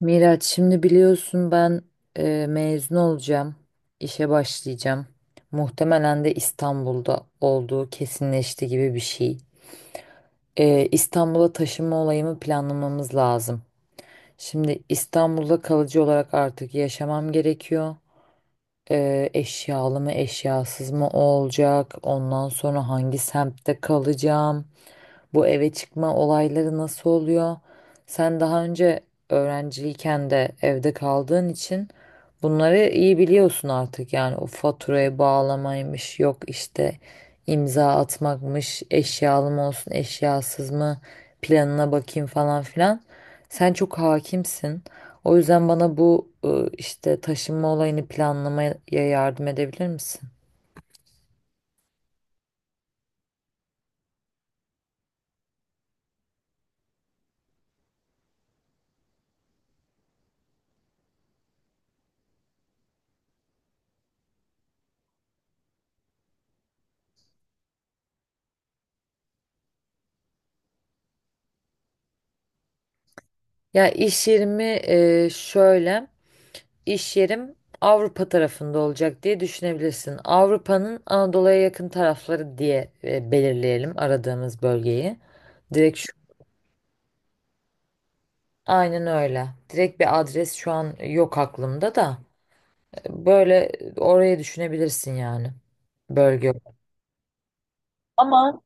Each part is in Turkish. Miraç, şimdi biliyorsun ben mezun olacağım, işe başlayacağım. Muhtemelen de İstanbul'da olduğu kesinleşti gibi bir şey. İstanbul'a taşınma olayımı planlamamız lazım. Şimdi İstanbul'da kalıcı olarak artık yaşamam gerekiyor. Eşyalı mı eşyasız mı olacak? Ondan sonra hangi semtte kalacağım? Bu eve çıkma olayları nasıl oluyor? Sen daha önce öğrenciyken de evde kaldığın için bunları iyi biliyorsun artık. Yani o faturaya bağlamaymış, yok işte imza atmakmış, eşyalı mı olsun, eşyasız mı, planına bakayım falan filan. Sen çok hakimsin. O yüzden bana bu işte taşınma olayını planlamaya yardım edebilir misin? Ya iş yerimi şöyle. İş yerim Avrupa tarafında olacak diye düşünebilirsin. Avrupa'nın Anadolu'ya yakın tarafları diye belirleyelim aradığımız bölgeyi. Direkt şu, aynen öyle. Direkt bir adres şu an yok aklımda da böyle orayı düşünebilirsin, yani bölge. Ama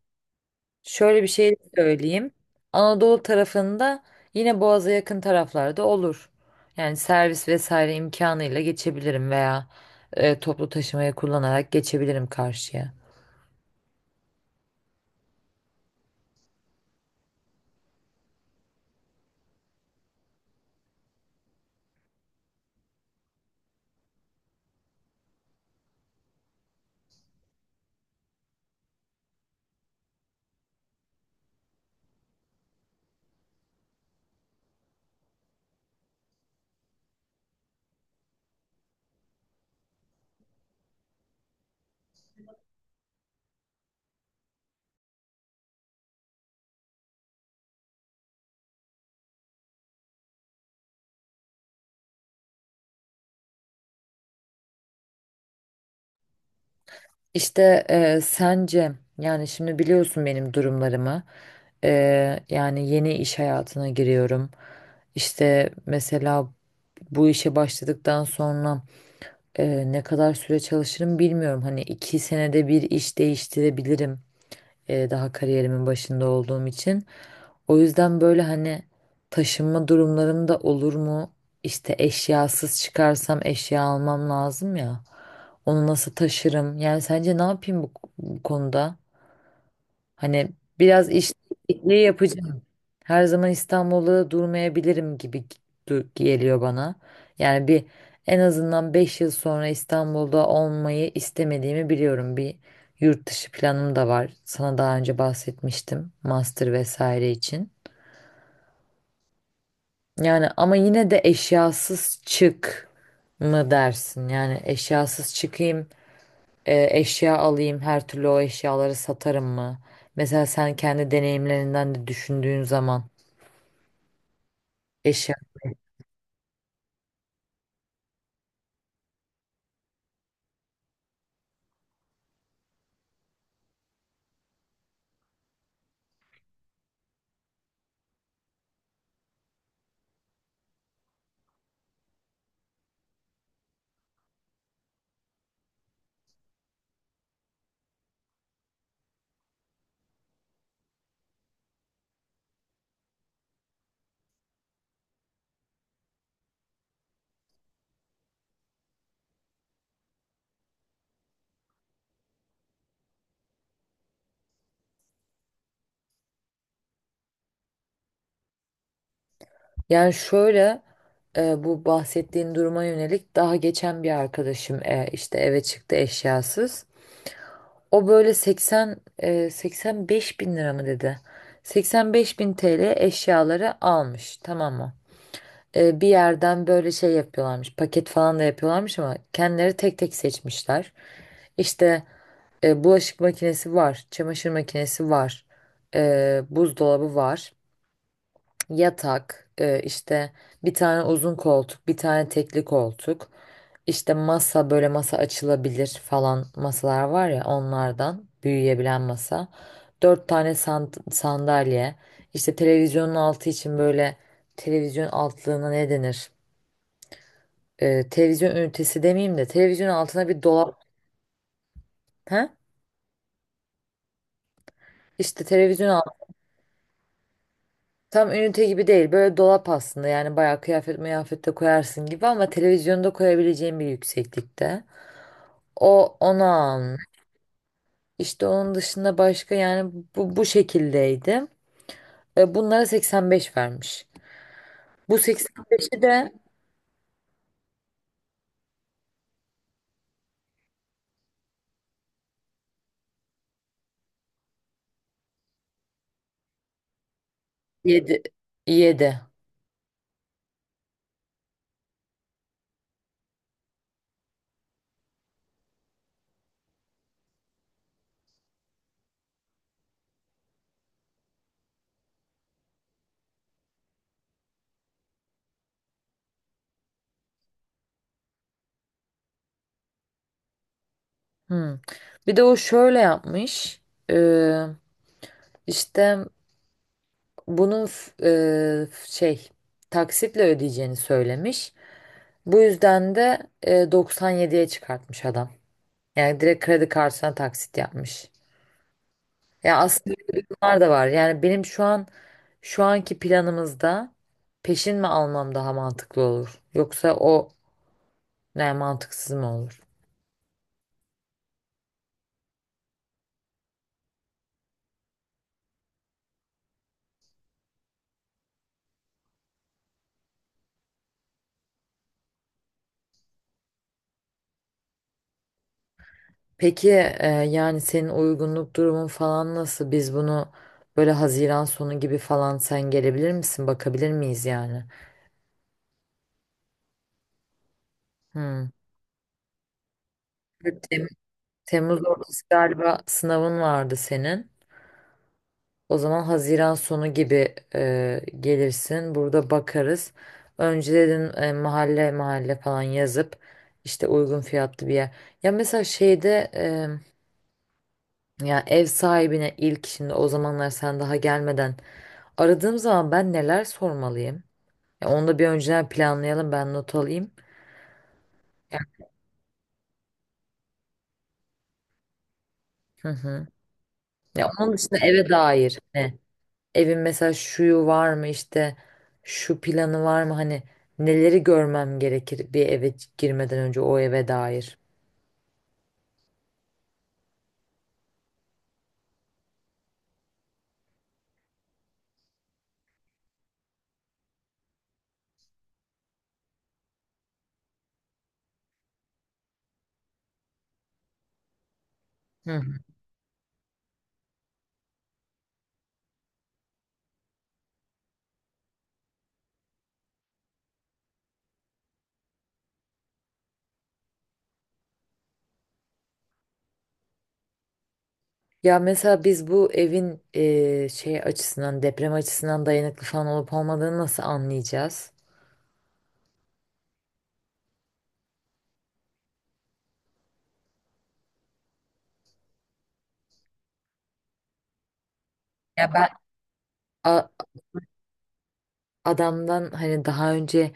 şöyle bir şey söyleyeyim. Anadolu tarafında yine Boğaz'a yakın taraflarda olur. Yani servis vesaire imkanıyla geçebilirim veya toplu taşımayı kullanarak geçebilirim karşıya. İşte sence, yani şimdi biliyorsun benim durumlarımı. E, Yani yeni iş hayatına giriyorum. İşte mesela bu işe başladıktan sonra, ne kadar süre çalışırım bilmiyorum, hani iki senede bir iş değiştirebilirim, daha kariyerimin başında olduğum için. O yüzden böyle, hani, taşınma durumlarım da olur mu? İşte eşyasız çıkarsam eşya almam lazım ya. Onu nasıl taşırım? Yani sence ne yapayım bu konuda? Hani biraz iş değişikliği yapacağım. Her zaman İstanbul'da durmayabilirim gibi geliyor bana. Yani en azından 5 yıl sonra İstanbul'da olmayı istemediğimi biliyorum. Bir yurt dışı planım da var. Sana daha önce bahsetmiştim. Master vesaire için. Yani ama yine de eşyasız çık mı dersin? Yani eşyasız çıkayım, eşya alayım, her türlü o eşyaları satarım mı? Mesela sen kendi deneyimlerinden de düşündüğün zaman eşya. Yani şöyle, bu bahsettiğin duruma yönelik daha geçen bir arkadaşım işte eve çıktı eşyasız. O böyle 80 85 bin lira mı dedi? 85 bin TL eşyaları almış, tamam mı? Bir yerden böyle şey yapıyorlarmış, paket falan da yapıyorlarmış ama kendileri tek tek seçmişler. İşte bulaşık makinesi var, çamaşır makinesi var, buzdolabı var. Yatak, işte bir tane uzun koltuk, bir tane tekli koltuk, işte masa, böyle masa açılabilir falan, masalar var ya, onlardan büyüyebilen masa. Dört tane sandalye, işte televizyonun altı için böyle, televizyon altlığına ne denir? Televizyon ünitesi demeyeyim de televizyon altına bir dolap. He? İşte televizyon alt tam ünite gibi değil, böyle dolap aslında, yani bayağı kıyafet mıyafet de koyarsın gibi ama televizyonda koyabileceğin bir yükseklikte. O onu almış. İşte onun dışında başka, yani bu şekildeydi. Bunlara 85 vermiş. Bu 85'i de 7. 7. Hmm. Bir de o şöyle yapmış. E, işte bunun f- e, f- şey taksitle ödeyeceğini söylemiş. Bu yüzden de 97'ye çıkartmış adam. Yani direkt kredi kartına taksit yapmış. Ya aslında öyle durumlar da var. Yani benim şu anki planımızda peşin mi almam daha mantıklı olur? Yoksa o ne, mantıksız mı olur? Peki, yani senin uygunluk durumun falan nasıl? Biz bunu böyle Haziran sonu gibi falan, sen gelebilir misin? Bakabilir miyiz yani? Hmm. Tem- Temmuz ortası galiba sınavın vardı senin. O zaman Haziran sonu gibi gelirsin. Burada bakarız. Önceden mahalle mahalle falan yazıp, işte, uygun fiyatlı bir yer. Ya mesela şeyde, ya ev sahibine, ilk şimdi, o zamanlar sen daha gelmeden aradığım zaman ben neler sormalıyım? Ya onu da bir önceden planlayalım, ben not alayım. Hı hı. Ya onun dışında eve dair ne? Evin mesela şuyu var mı, işte şu planı var mı, hani neleri görmem gerekir bir eve girmeden önce o eve dair. Hı hı. Ya mesela biz bu evin açısından, deprem açısından dayanıklı falan olup olmadığını nasıl anlayacağız? Ya ben, a- adamdan hani daha önce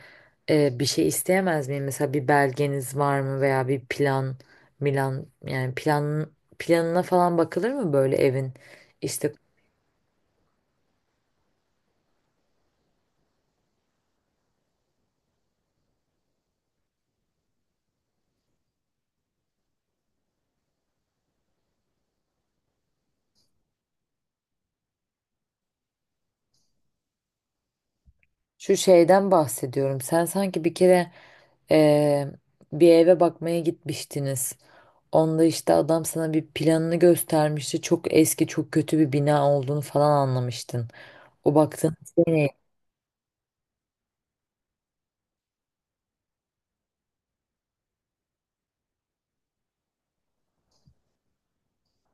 bir şey isteyemez miyim? Mesela bir belgeniz var mı veya bir plan, milan, yani planına falan bakılır mı böyle evin? İşte şu şeyden bahsediyorum. Sen sanki bir kere eee, bir eve bakmaya gitmiştiniz. Onda işte adam sana bir planını göstermişti. Çok eski, çok kötü bir bina olduğunu falan anlamıştın. O baktığın şey ne?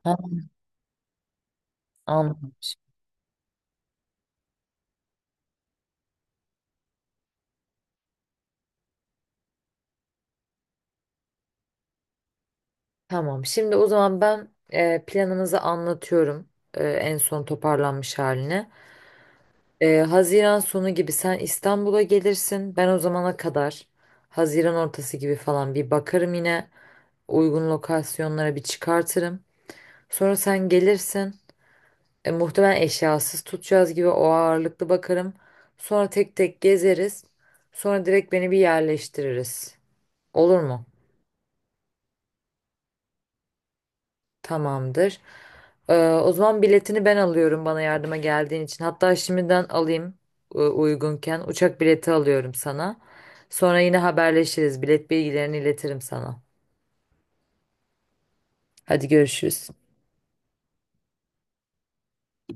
Ha, anlamış. Tamam. Şimdi o zaman ben, planımızı anlatıyorum. En son toparlanmış haline. Haziran sonu gibi sen İstanbul'a gelirsin. Ben o zamana kadar, Haziran ortası gibi falan, bir bakarım yine. Uygun lokasyonlara bir çıkartırım. Sonra sen gelirsin. Muhtemelen eşyasız tutacağız gibi, o ağırlıklı bakarım. Sonra tek tek gezeriz. Sonra direkt beni bir yerleştiririz. Olur mu? Tamamdır. O zaman biletini ben alıyorum, bana yardıma geldiğin için. Hatta şimdiden alayım, uygunken. Uçak bileti alıyorum sana. Sonra yine haberleşiriz. Bilet bilgilerini iletirim sana. Hadi görüşürüz.